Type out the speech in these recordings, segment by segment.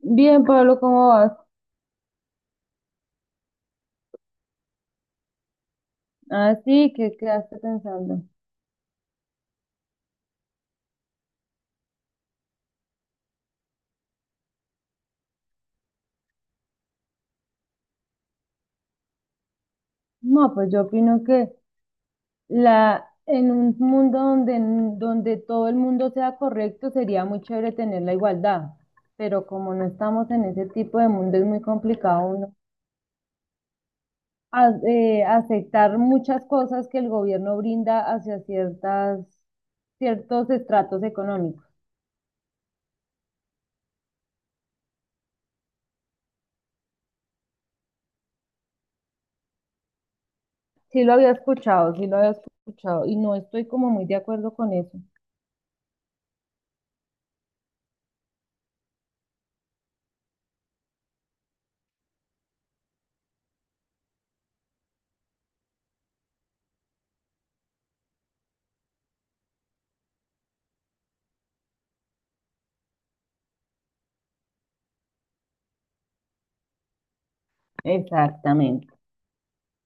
Bien, Pablo, ¿cómo vas? Así que quedaste pensando. No, pues yo opino que en un mundo donde todo el mundo sea correcto sería muy chévere tener la igualdad, pero como no estamos en ese tipo de mundo es muy complicado uno aceptar muchas cosas que el gobierno brinda hacia ciertos estratos económicos. Sí lo había escuchado, sí lo había escuchado y no estoy como muy de acuerdo con eso. Exactamente.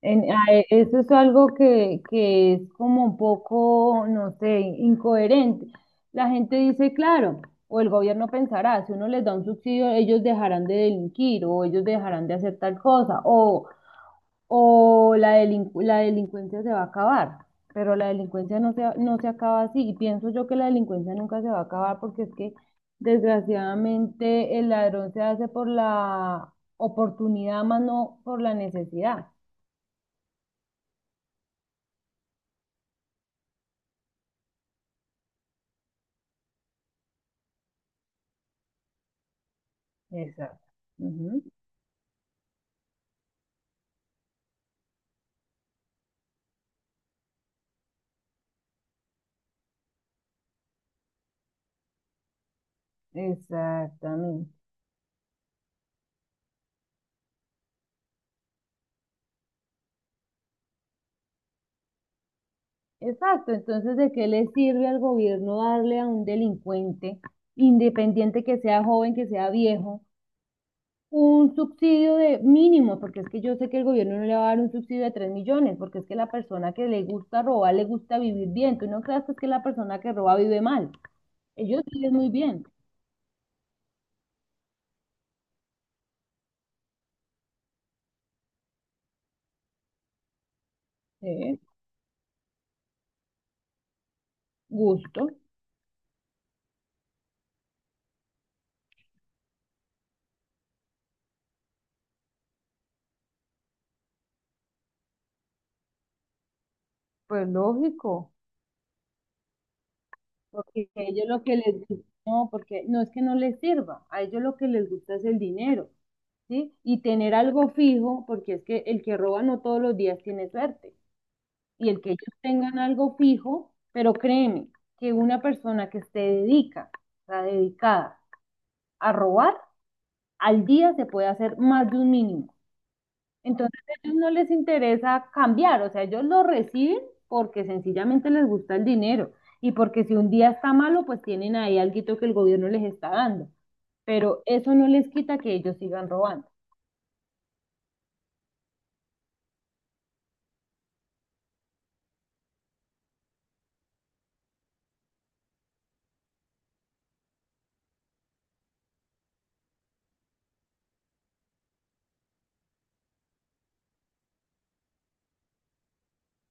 Eso es algo que es como un poco, no sé, incoherente. La gente dice, claro, o el gobierno pensará, si uno les da un subsidio, ellos dejarán de delinquir o ellos dejarán de hacer tal cosa o la delincuencia se va a acabar. Pero la delincuencia no se acaba así y pienso yo que la delincuencia nunca se va a acabar porque es que desgraciadamente el ladrón se hace por la oportunidad más no por la necesidad. Exacto. Ujú. Exactamente. Exacto. Entonces, ¿de qué le sirve al gobierno darle a un delincuente, independiente que sea joven, que sea viejo, un subsidio de mínimo? Porque es que yo sé que el gobierno no le va a dar un subsidio de 3 millones, porque es que la persona que le gusta robar le gusta vivir bien. Tú no creas que es que la persona que roba vive mal. Ellos viven muy bien. Sí. Gusto. Pues lógico. Porque a ellos lo que les gusta, no, porque no es que no les sirva, a ellos lo que les gusta es el dinero, ¿sí? Y tener algo fijo, porque es que el que roba no todos los días tiene suerte. Y el que ellos tengan algo fijo, pero créeme, que una persona que se dedica, está dedicada a robar, al día se puede hacer más de un mínimo. Entonces a ellos no les interesa cambiar, o sea, ellos lo reciben porque sencillamente les gusta el dinero y porque si un día está malo, pues tienen ahí alguito que el gobierno les está dando. Pero eso no les quita que ellos sigan robando.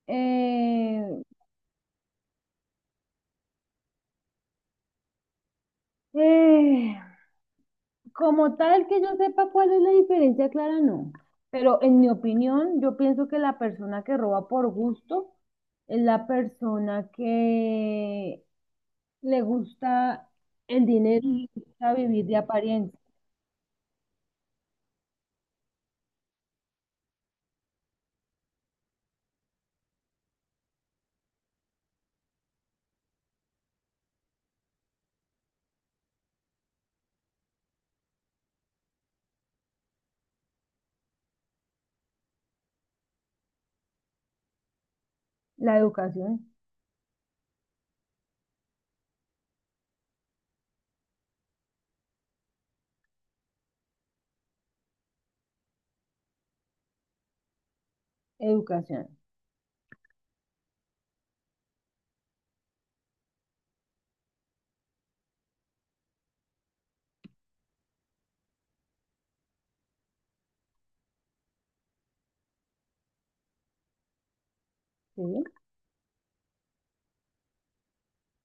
Eh, eh, Como tal que yo sepa cuál es la diferencia, Clara, no. Pero en mi opinión, yo pienso que la persona que roba por gusto es la persona que le gusta el dinero. Mm. Le gusta vivir de apariencia. La educación. Educación. ¿Sí?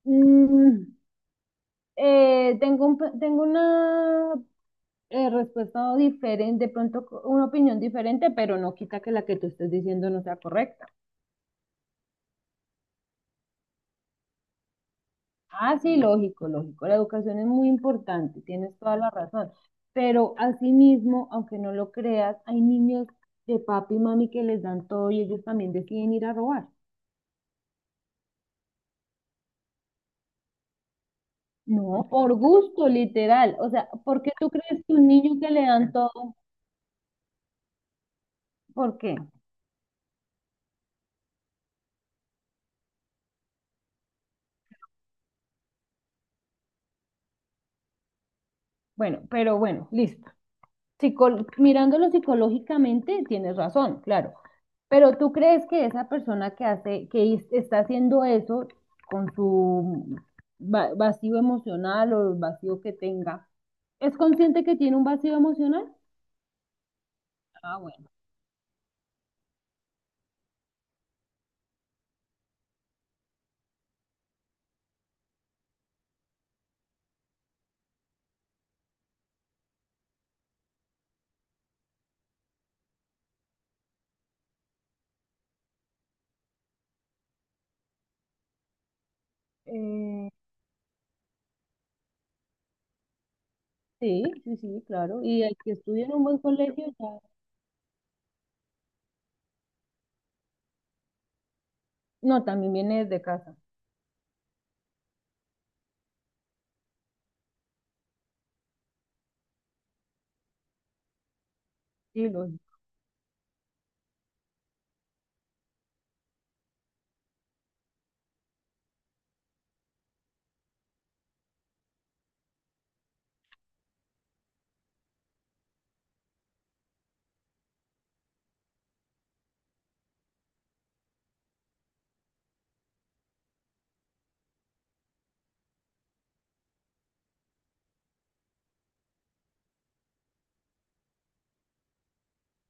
Mm, tengo una respuesta diferente, de pronto una opinión diferente, pero no quita que la que tú estés diciendo no sea correcta. Ah, sí, lógico, lógico, la educación es muy importante, tienes toda la razón, pero asimismo, aunque no lo creas, hay niños de papi y mami que les dan todo y ellos también deciden ir a robar. No, por gusto, literal. O sea, ¿por qué tú crees que un niño que le dan todo? ¿Por qué? Bueno, pero bueno, listo. Mirándolo psicológicamente, tienes razón, claro. Pero ¿tú crees que esa persona que hace, que es- está haciendo eso con su vacío emocional o el vacío que tenga, es consciente que tiene un vacío emocional? Ah, bueno. Eh, sí, sí, sí, claro. Y el que estudia en un buen colegio ya. No, también viene desde casa. Sí,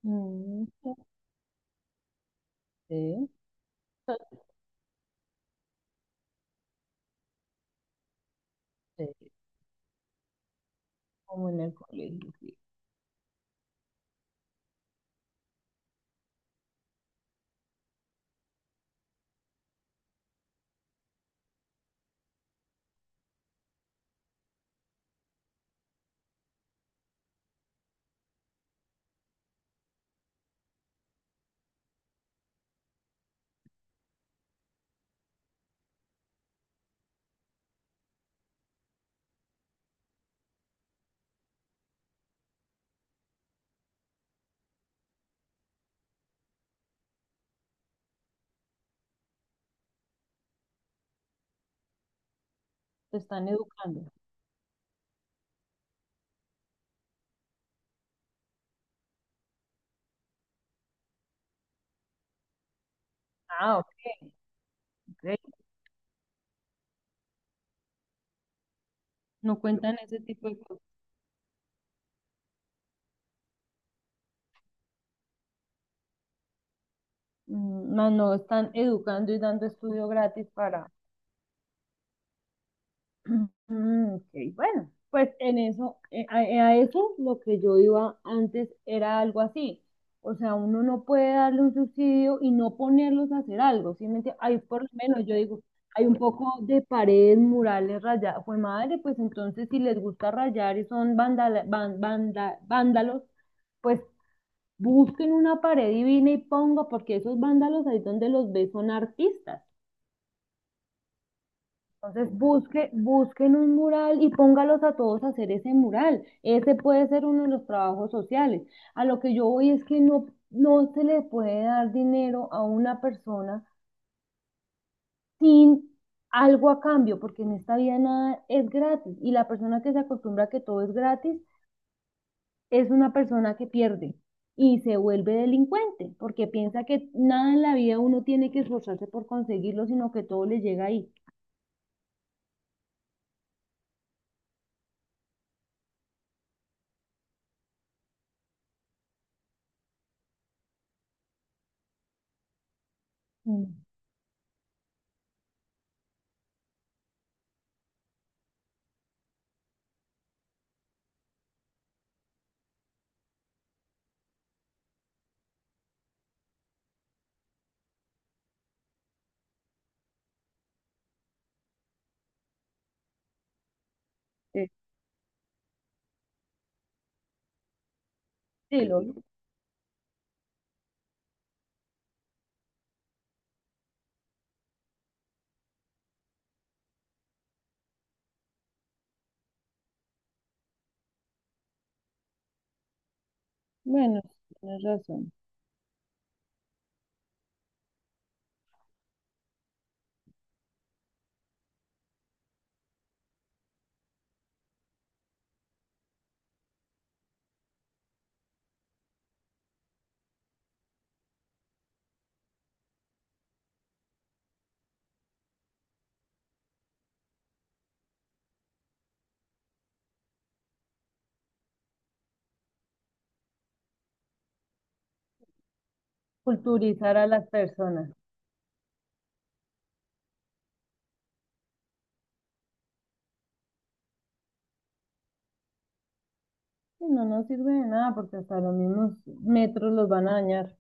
mm, sí, sí, como en el colegio, sí. Te están educando. Ah, ok, ok. No cuentan ese tipo de cosas. Mm, no, no, están educando y dando estudio gratis para. Mm, ok, bueno, pues en eso, a eso lo que yo iba antes era algo así. O sea, uno no puede darle un subsidio y no ponerlos a hacer algo. ¿Sí me entiendes? Hay por lo menos, yo digo, hay un poco de paredes, murales, rayadas. Fue madre, pues entonces si les gusta rayar y son vándalos, pues busquen una pared divina y ponga, porque esos vándalos ahí donde los ves son artistas. Entonces busquen un mural y póngalos a todos a hacer ese mural. Ese puede ser uno de los trabajos sociales. A lo que yo voy es que no se le puede dar dinero a una persona sin algo a cambio, porque en esta vida nada es gratis. Y la persona que se acostumbra a que todo es gratis es una persona que pierde y se vuelve delincuente, porque piensa que nada en la vida uno tiene que esforzarse por conseguirlo, sino que todo le llega ahí. Mm. Eh, Sí, vi. Bueno, sí, tienes razón. Culturizar a las personas. Sí, no nos sirve de nada porque hasta los mismos metros los van a dañar.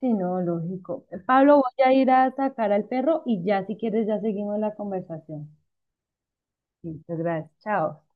Sí, no, lógico. Pablo, voy a ir a sacar al perro y ya si quieres ya seguimos la conversación. Listo, gracias. Chao.